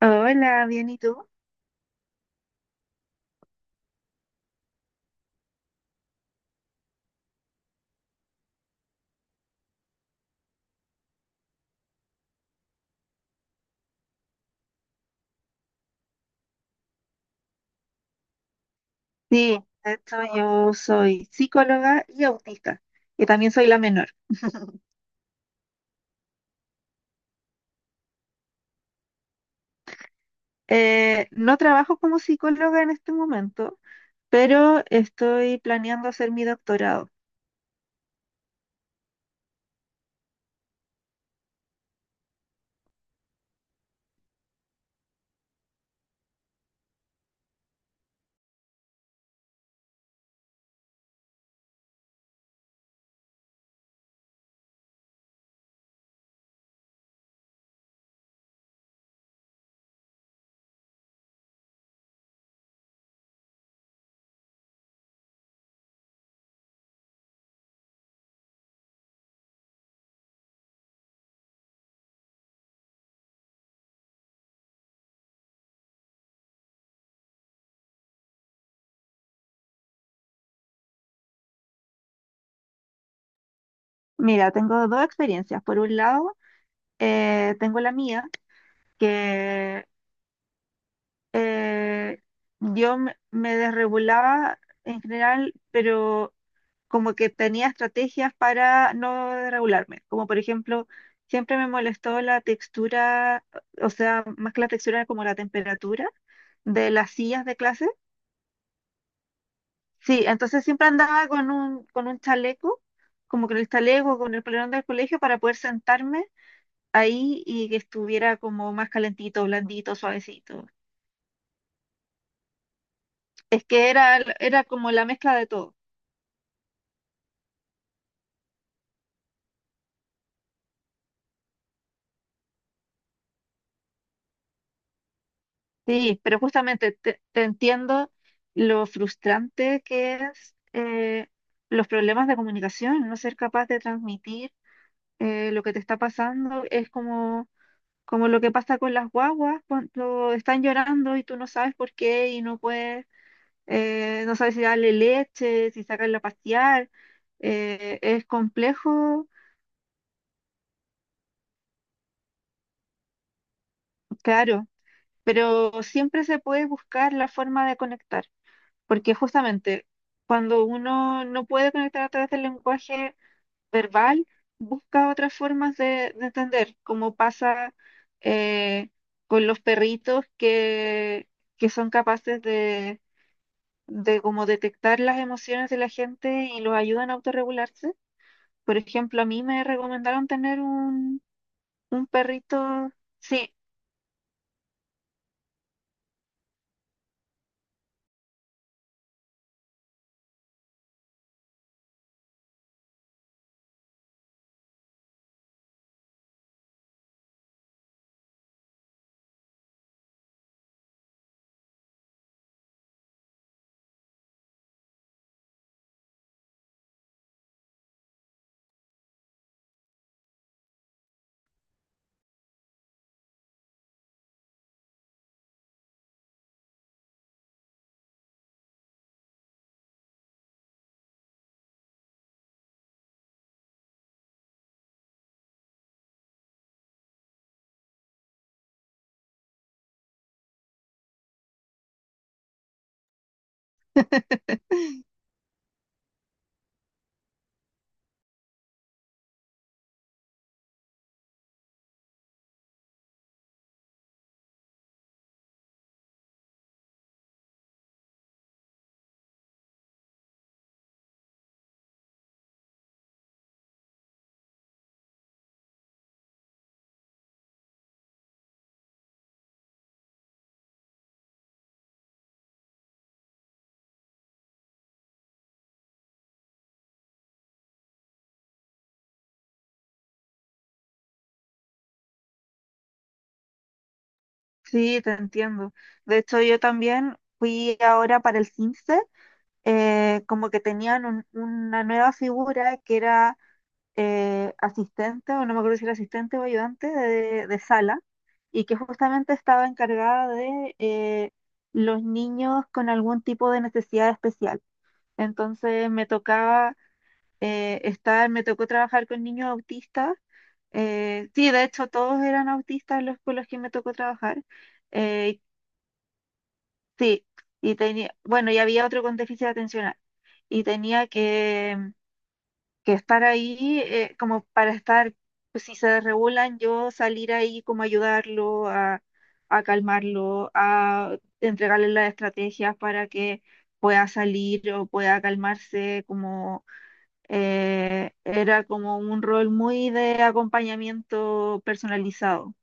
Hola, bien, ¿y tú? Sí, de hecho yo soy psicóloga y autista, y también soy la menor. No trabajo como psicóloga en este momento, pero estoy planeando hacer mi doctorado. Mira, tengo dos experiencias. Por un lado, tengo la mía, que eh, yo me desregulaba en general, pero como que tenía estrategias para no regularme, como por ejemplo, siempre me molestó la textura, o sea, más que la textura, era como la temperatura de las sillas de clase. Sí, entonces siempre andaba con un chaleco, como con el chaleco, con el polerón del colegio para poder sentarme ahí y que estuviera como más calentito, blandito, suavecito. Es que era como la mezcla de todo. Sí, pero justamente te entiendo lo frustrante que es, los problemas de comunicación, no ser capaz de transmitir lo que te está pasando. Es como lo que pasa con las guaguas cuando están llorando y tú no sabes por qué y no puedes, no sabes si darle leche, si sacarla a pasear. Es complejo, claro, pero siempre se puede buscar la forma de conectar. Porque justamente cuando uno no puede conectar a través del lenguaje verbal, busca otras formas de entender, como pasa, eh, con los perritos que son capaces de como detectar las emociones de la gente y los ayudan a autorregularse. Por ejemplo, a mí me recomendaron tener un perrito, sí, sí, te entiendo. De hecho, yo también fui ahora para el CINSE, como que tenían una nueva figura que era, asistente, o no me acuerdo si era asistente o ayudante de sala, y que justamente estaba encargada de los niños con algún tipo de necesidad especial. Entonces me tocaba Me tocó trabajar con niños autistas. Sí, de hecho todos eran autistas los con los que me tocó trabajar. eh, Sí, y bueno, y había otro con déficit atencional, y tenía que estar ahí, como para estar, pues, si se desregulan, yo salir ahí como ayudarlo a calmarlo, a entregarle las estrategias para que pueda salir o pueda calmarse, como era como un rol muy de acompañamiento personalizado.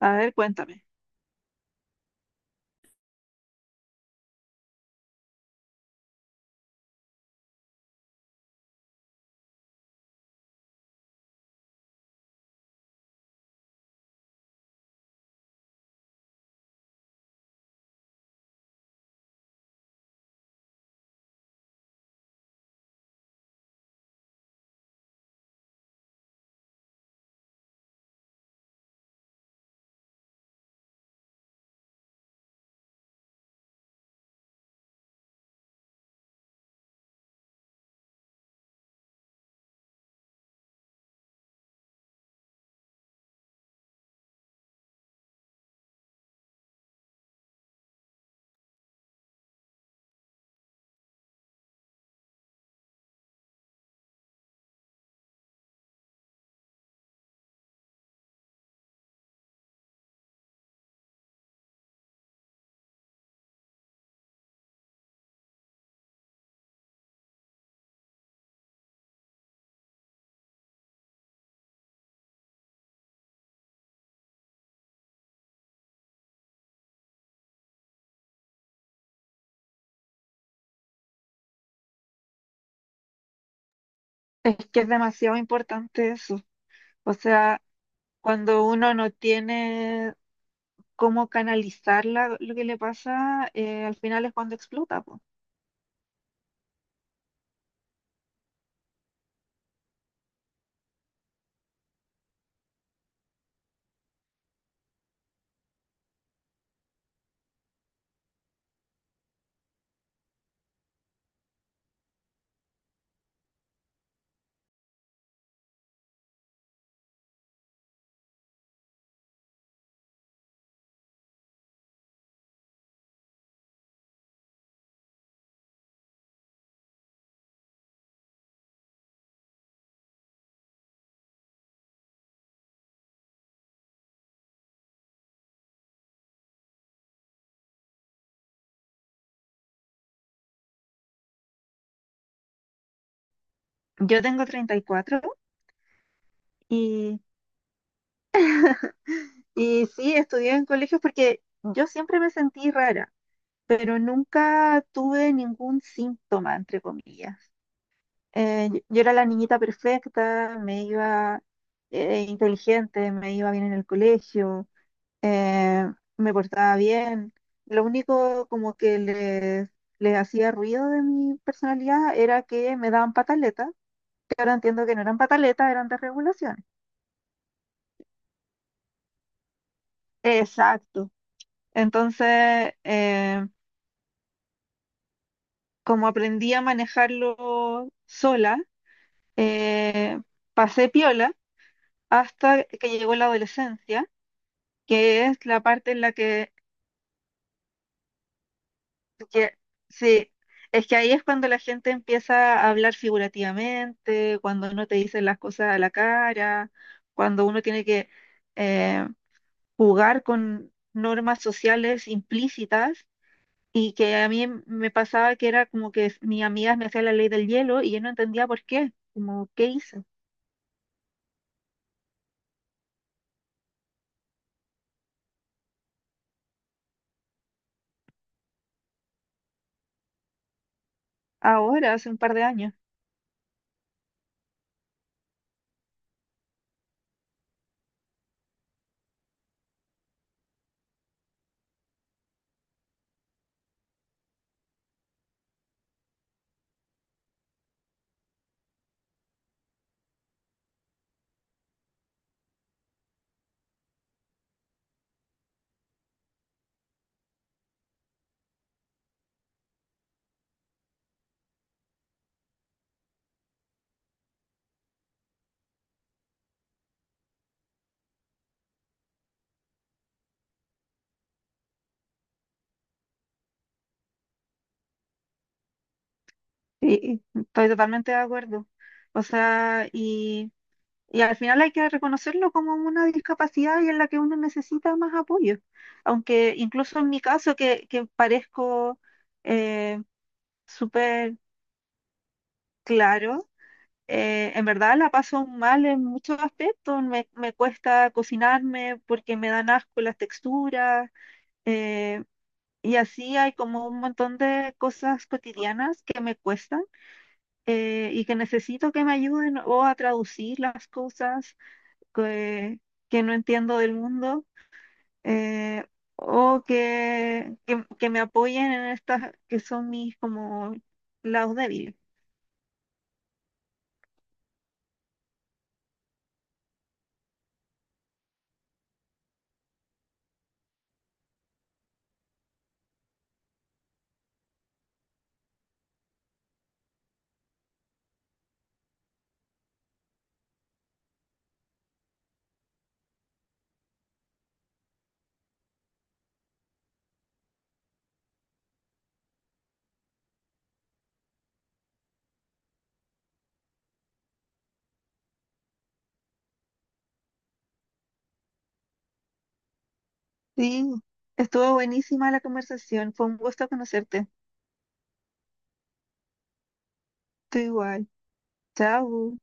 A ver, cuéntame. Es que es demasiado importante eso. O sea, cuando uno no tiene cómo canalizar lo que le pasa, al final es cuando explota, po. Yo tengo 34 y, cuatro, y y sí, estudié en colegios porque yo siempre me sentí rara, pero nunca tuve ningún síntoma, entre comillas. Yo era la niñita perfecta, me iba, inteligente, me iba bien en el colegio, eh, me portaba bien. Lo único como que les hacía ruido de mi personalidad era que me daban pataletas, que ahora entiendo que no eran pataletas, eran desregulaciones. Exacto. Entonces, como aprendí a manejarlo sola, eh, pasé piola hasta que llegó la adolescencia, que es la parte en la que sí, es que ahí es cuando la gente empieza a hablar figurativamente, cuando no te dicen las cosas a la cara, cuando uno tiene que, eh, jugar con normas sociales implícitas, y que a mí me pasaba que era como que mis amigas me hacían la ley del hielo y yo no entendía por qué, como qué hice. Ahora, hace un par de años. Sí, estoy totalmente de acuerdo. O sea, y al final hay que reconocerlo como una discapacidad, y en la que uno necesita más apoyo. Aunque incluso en mi caso, que parezco, eh, súper, claro, en verdad la paso mal en muchos aspectos. Me cuesta cocinarme porque me dan asco las texturas. eh, y así hay como un montón de cosas cotidianas que me cuestan, y que necesito que me ayuden o a traducir las cosas que, que no entiendo del mundo, eh, o que me apoyen en estas que son mis como lados débiles. Sí, estuvo buenísima la conversación, fue un gusto conocerte. Tú igual. Chao.